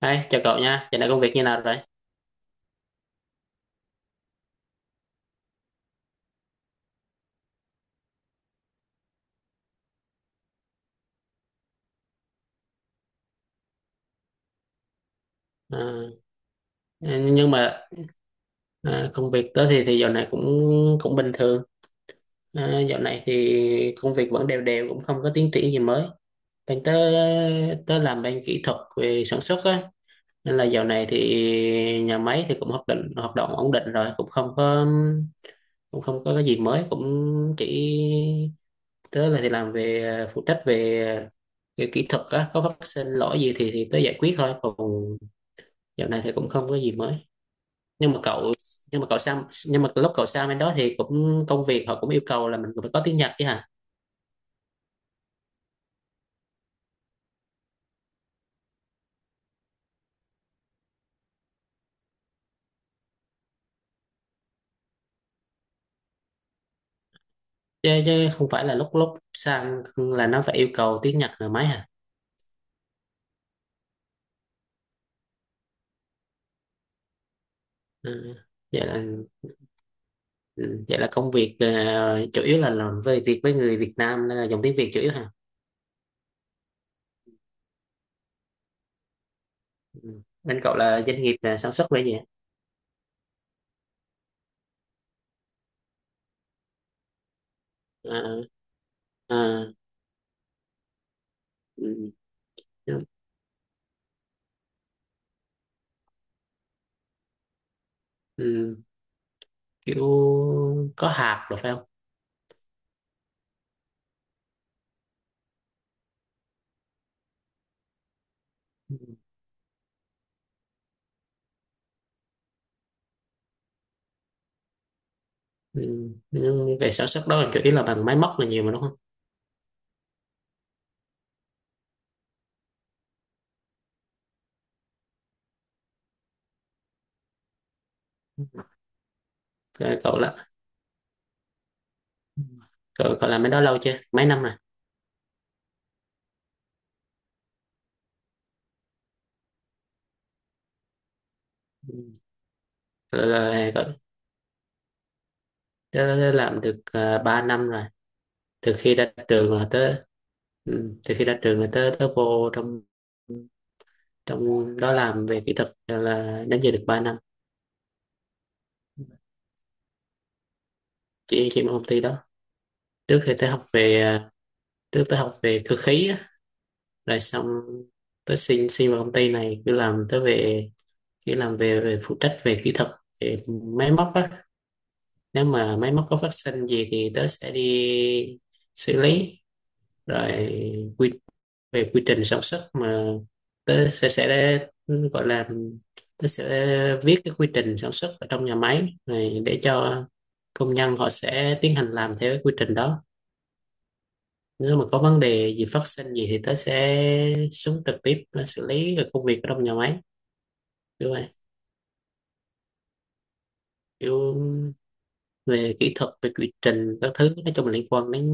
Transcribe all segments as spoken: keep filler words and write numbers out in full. Đấy, chào cậu nha, giờ này công việc như nào rồi? Ờ, nhưng mà ờ, công việc tớ thì thì dạo này cũng cũng bình thường. Ờ, dạo này thì công việc vẫn đều đều, cũng không có tiến triển gì mới. Bên tớ tớ làm bên kỹ thuật về sản xuất á, nên là dạo này thì nhà máy thì cũng hoạt định hoạt động ổn định rồi, cũng không có cũng không có cái gì mới, cũng chỉ tớ là thì làm về phụ trách về, về kỹ thuật á, có phát sinh lỗi gì thì thì tớ giải quyết thôi, còn dạo này thì cũng không có gì mới. Nhưng mà cậu nhưng mà cậu sang nhưng mà lúc cậu sang bên đó thì cũng công việc họ cũng yêu cầu là mình phải có tiếng Nhật chứ hả? Chứ, chứ không phải là lúc lúc sang là nó phải yêu cầu tiếng Nhật là mấy hả? Ừ, vậy là ừ, vậy là công việc ờ, chủ yếu là làm về việc với người Việt Nam nên là dùng tiếng Việt chủ yếu hả? Ừ, bên cậu là doanh nghiệp là sản xuất về gì hả? À, à, ừ, ừ, kiểu có hạt rồi phải không? Ừ. Ừ. Nhưng về sản xuất đó là chủ yếu là bằng máy móc là nhiều mà đúng không? Rồi cậu là cậu, cậu làm cái đó lâu chưa, mấy năm rồi? Ừ. cậu, là, cậu, tớ tớ làm được uh, ba năm rồi. Từ khi ra trường là tớ, ừ, từ khi ra trường là tớ tớ vô trong trong đó làm về kỹ thuật rồi là đến giờ được ba năm. Chỉ chỉ một công ty đó. Trước thì tớ học về, à, trước tớ học về cơ khí á, rồi xong tớ xin xin vào công ty này cứ làm tớ về cứ làm về, về phụ trách về kỹ thuật, về máy móc á. Nếu mà máy móc có phát sinh gì thì tớ sẽ đi xử lý. Rồi quy về quy trình sản xuất mà tớ sẽ sẽ gọi là tớ sẽ viết cái quy trình sản xuất ở trong nhà máy này để cho công nhân họ sẽ tiến hành làm theo cái quy trình đó. Nếu mà có vấn đề gì phát sinh gì thì tớ sẽ xuống trực tiếp để xử lý cái công việc ở trong nhà máy. Kiểu vậy, kiểu về kỹ thuật, về quy trình các thứ, nói chung là liên quan đến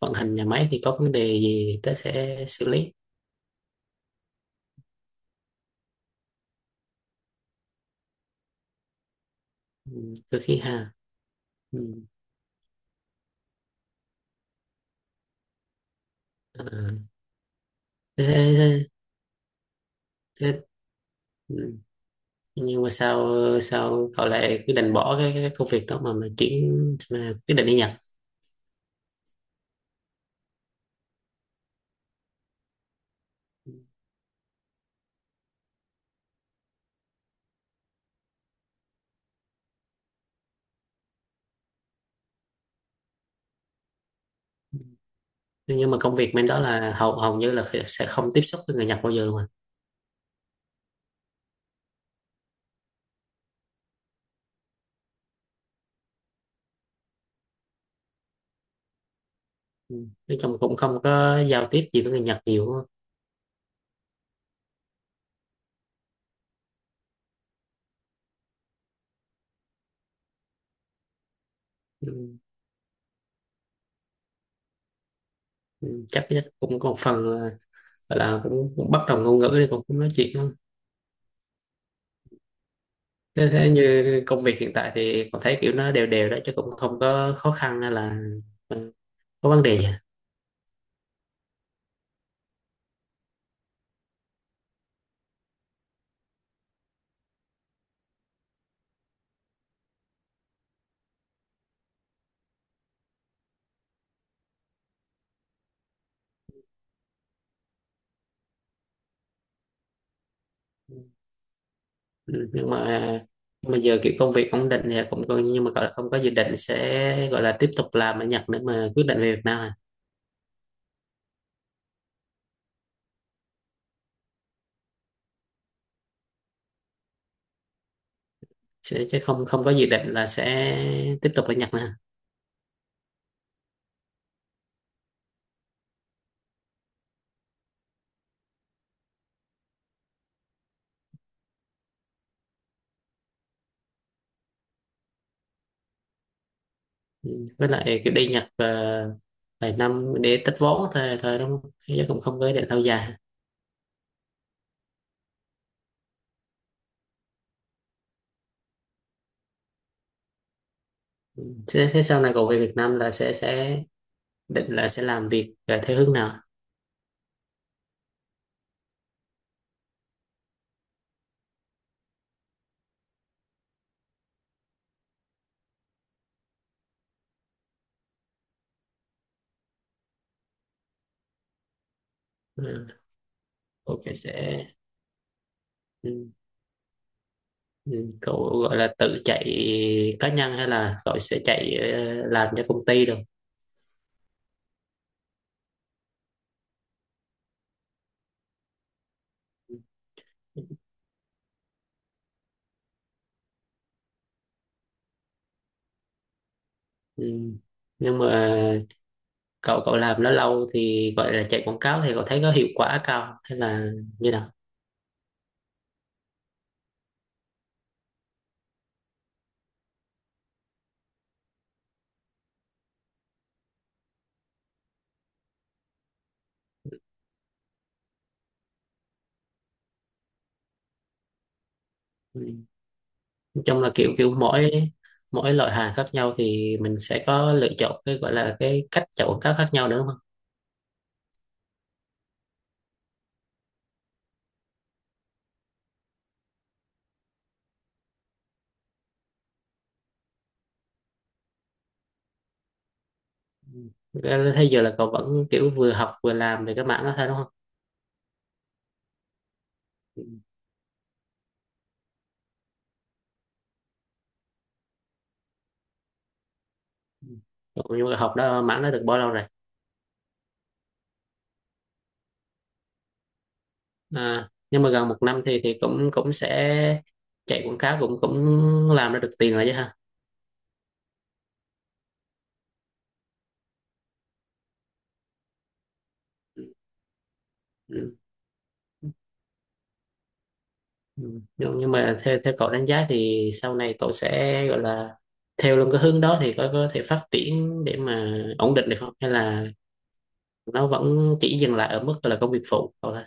vận hành nhà máy thì có vấn đề gì tớ sẽ xử lý. Ừ, cơ khí ha. Ừ, à, thế, thế, thế, ừ. Nhưng mà sao, sao cậu lại quyết định bỏ cái, cái công việc đó mà mà chuyển mà quyết định đi Nhật? Ừ, nhưng mà công việc bên đó là hầu hầu như là kh- sẽ không tiếp xúc với người Nhật bao giờ luôn à? Ừ, nói chung cũng không có giao tiếp gì với người Nhật nhiều á. Ừ. Ừ, chắc chắc cũng có một phần là, gọi là cũng, cũng bất đồng ngôn ngữ thì cũng, cũng nói chuyện. Thế, thế như công việc hiện tại thì con thấy kiểu nó đều đều đó chứ cũng không có khó khăn hay là, ừ, có vấn đề gì à? Ừ, nhưng mà nhưng mà giờ kiểu công việc ổn định thì cũng coi, nhưng mà gọi là không có dự định sẽ gọi là tiếp tục làm ở Nhật nữa mà quyết định về Việt Nam à? Sẽ, chứ không, không có dự định là sẽ tiếp tục ở Nhật nữa à? Ừ, với lại kiểu đi Nhật ờ, vài năm để tích vốn thôi thôi đúng không, chứ cũng không có ý định lâu dài? Thế, thế sau này cậu về Việt Nam là sẽ sẽ định là sẽ làm việc ờ, theo hướng nào? Ừ, cậu phải sẽ, ừ, ừ, cậu gọi là tự chạy cá nhân hay là cậu sẽ chạy ờ, làm cho công ty được? Ừ, nhưng mà cậu cậu làm nó lâu thì gọi là chạy quảng cáo thì cậu thấy có hiệu quả cao hay là như nào? Ừ, nói chung là kiểu kiểu mỗi mỗi loại hàng khác nhau thì mình sẽ có lựa chọn cái gọi là cái cách chạy quảng cáo khác nhau nữa đúng không? Ừ, thế thế giờ là cậu vẫn kiểu vừa học vừa làm về cái mảng đó thôi đúng không? Ừ. Ừ. Cậu, nhưng mà học đó mảng đó được bao lâu rồi? À, nhưng mà gần một năm thì thì cũng cũng sẽ chạy quảng cáo cũng cũng làm ra được tiền rồi chứ ha? Ừ. Ừ, nhưng nhưng mà theo theo cậu đánh giá thì sau này cậu sẽ gọi là theo luôn cái hướng đó thì có có thể phát triển để mà ổn định được không hay là nó vẫn chỉ dừng lại ở mức là công việc phụ cậu thôi?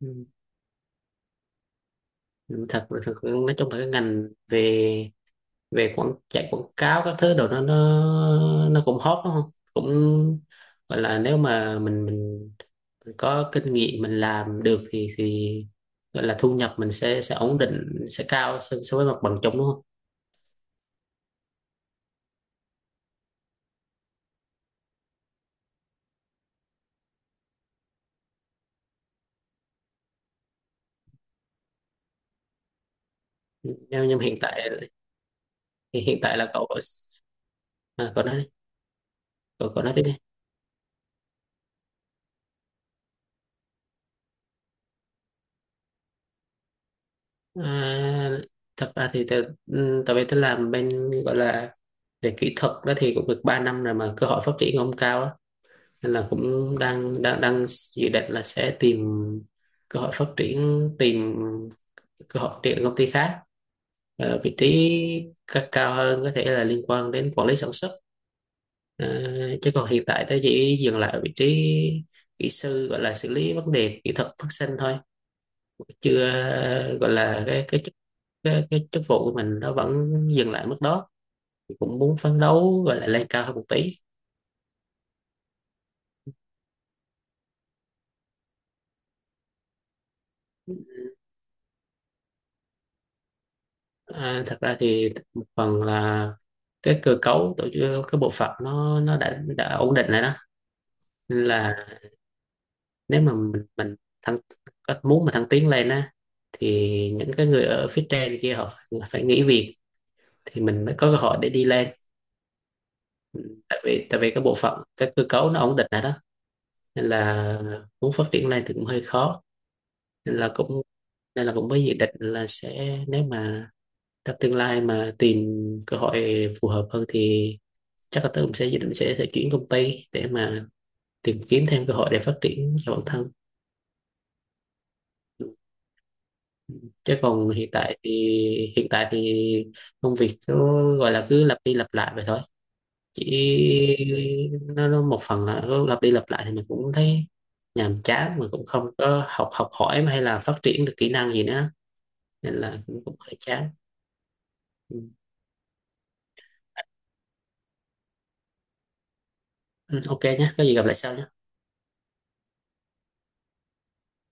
Ừ. Ừ, thật thật nói chung là cái ngành về về quảng chạy quảng cáo các thứ đồ nó nó nó cũng hot đúng không, cũng gọi là nếu mà mình mình, mình có kinh nghiệm mình làm được thì thì gọi là thu nhập mình sẽ sẽ ổn định, sẽ cao so, so với mặt bằng chung đúng không? Nếu nhưng hiện tại thì hiện tại là cậu, à, cậu nói đi. Cậu cậu nói tiếp đi. À, thật ra thì tớ, ừ, tại vì tôi làm bên, gọi là về kỹ thuật đó thì cũng được ba năm rồi mà cơ hội phát triển không cao, nên là cũng đang đang đang dự định là sẽ tìm cơ hội phát triển, tìm cơ hội phát triển công ty khác. Ờ, vị trí ca- cao hơn có thể là liên quan đến quản lý sản xuất. Ờ, chứ còn hiện tại tôi chỉ dừng lại ở vị trí kỹ sư, gọi là xử lý vấn đề kỹ thuật phát sinh thôi, chưa ờ, gọi là cái cái chức, cái, cái chức vụ của mình nó vẫn dừng lại mức đó, cũng muốn phấn đấu gọi là lên cao hơn một tí. À, thật ra thì một phần là cái cơ cấu tổ chức, cái bộ phận nó nó đã đã ổn định rồi đó, nên là nếu mà mình mình thăng có- muốn mà thăng tiến lên á thì những cái người ở phía trên kia họ phải phải nghỉ việc thì mình mới có cơ hội để đi lên. Tại vì tại vì cái bộ phận cái cơ cấu nó ổn định rồi đó, nên là muốn phát triển lên thì cũng hơi khó. Nên là cũng, nên là cũng mới dự định là sẽ, nếu mà trong tương lai mà tìm cơ hội phù hợp hơn thì chắc là tớ cũng sẽ dự định sẽ sẽ chuyển công ty để mà tìm kiếm thêm cơ hội để phát triển cho bản thân. Chứ còn hiện tại thì hiện tại thì công việc cứ gọi là cứ lặp đi lặp lại vậy thôi, chỉ nó, nó một phần là cứ lặp đi lặp lại thì mình cũng thấy nhàm chán mà cũng không có học học hỏi hay là phát triển được kỹ năng gì nữa, nên là cũng, cũng hơi chán. Ừ, ừ, ok nhé, có gì gặp lại sau.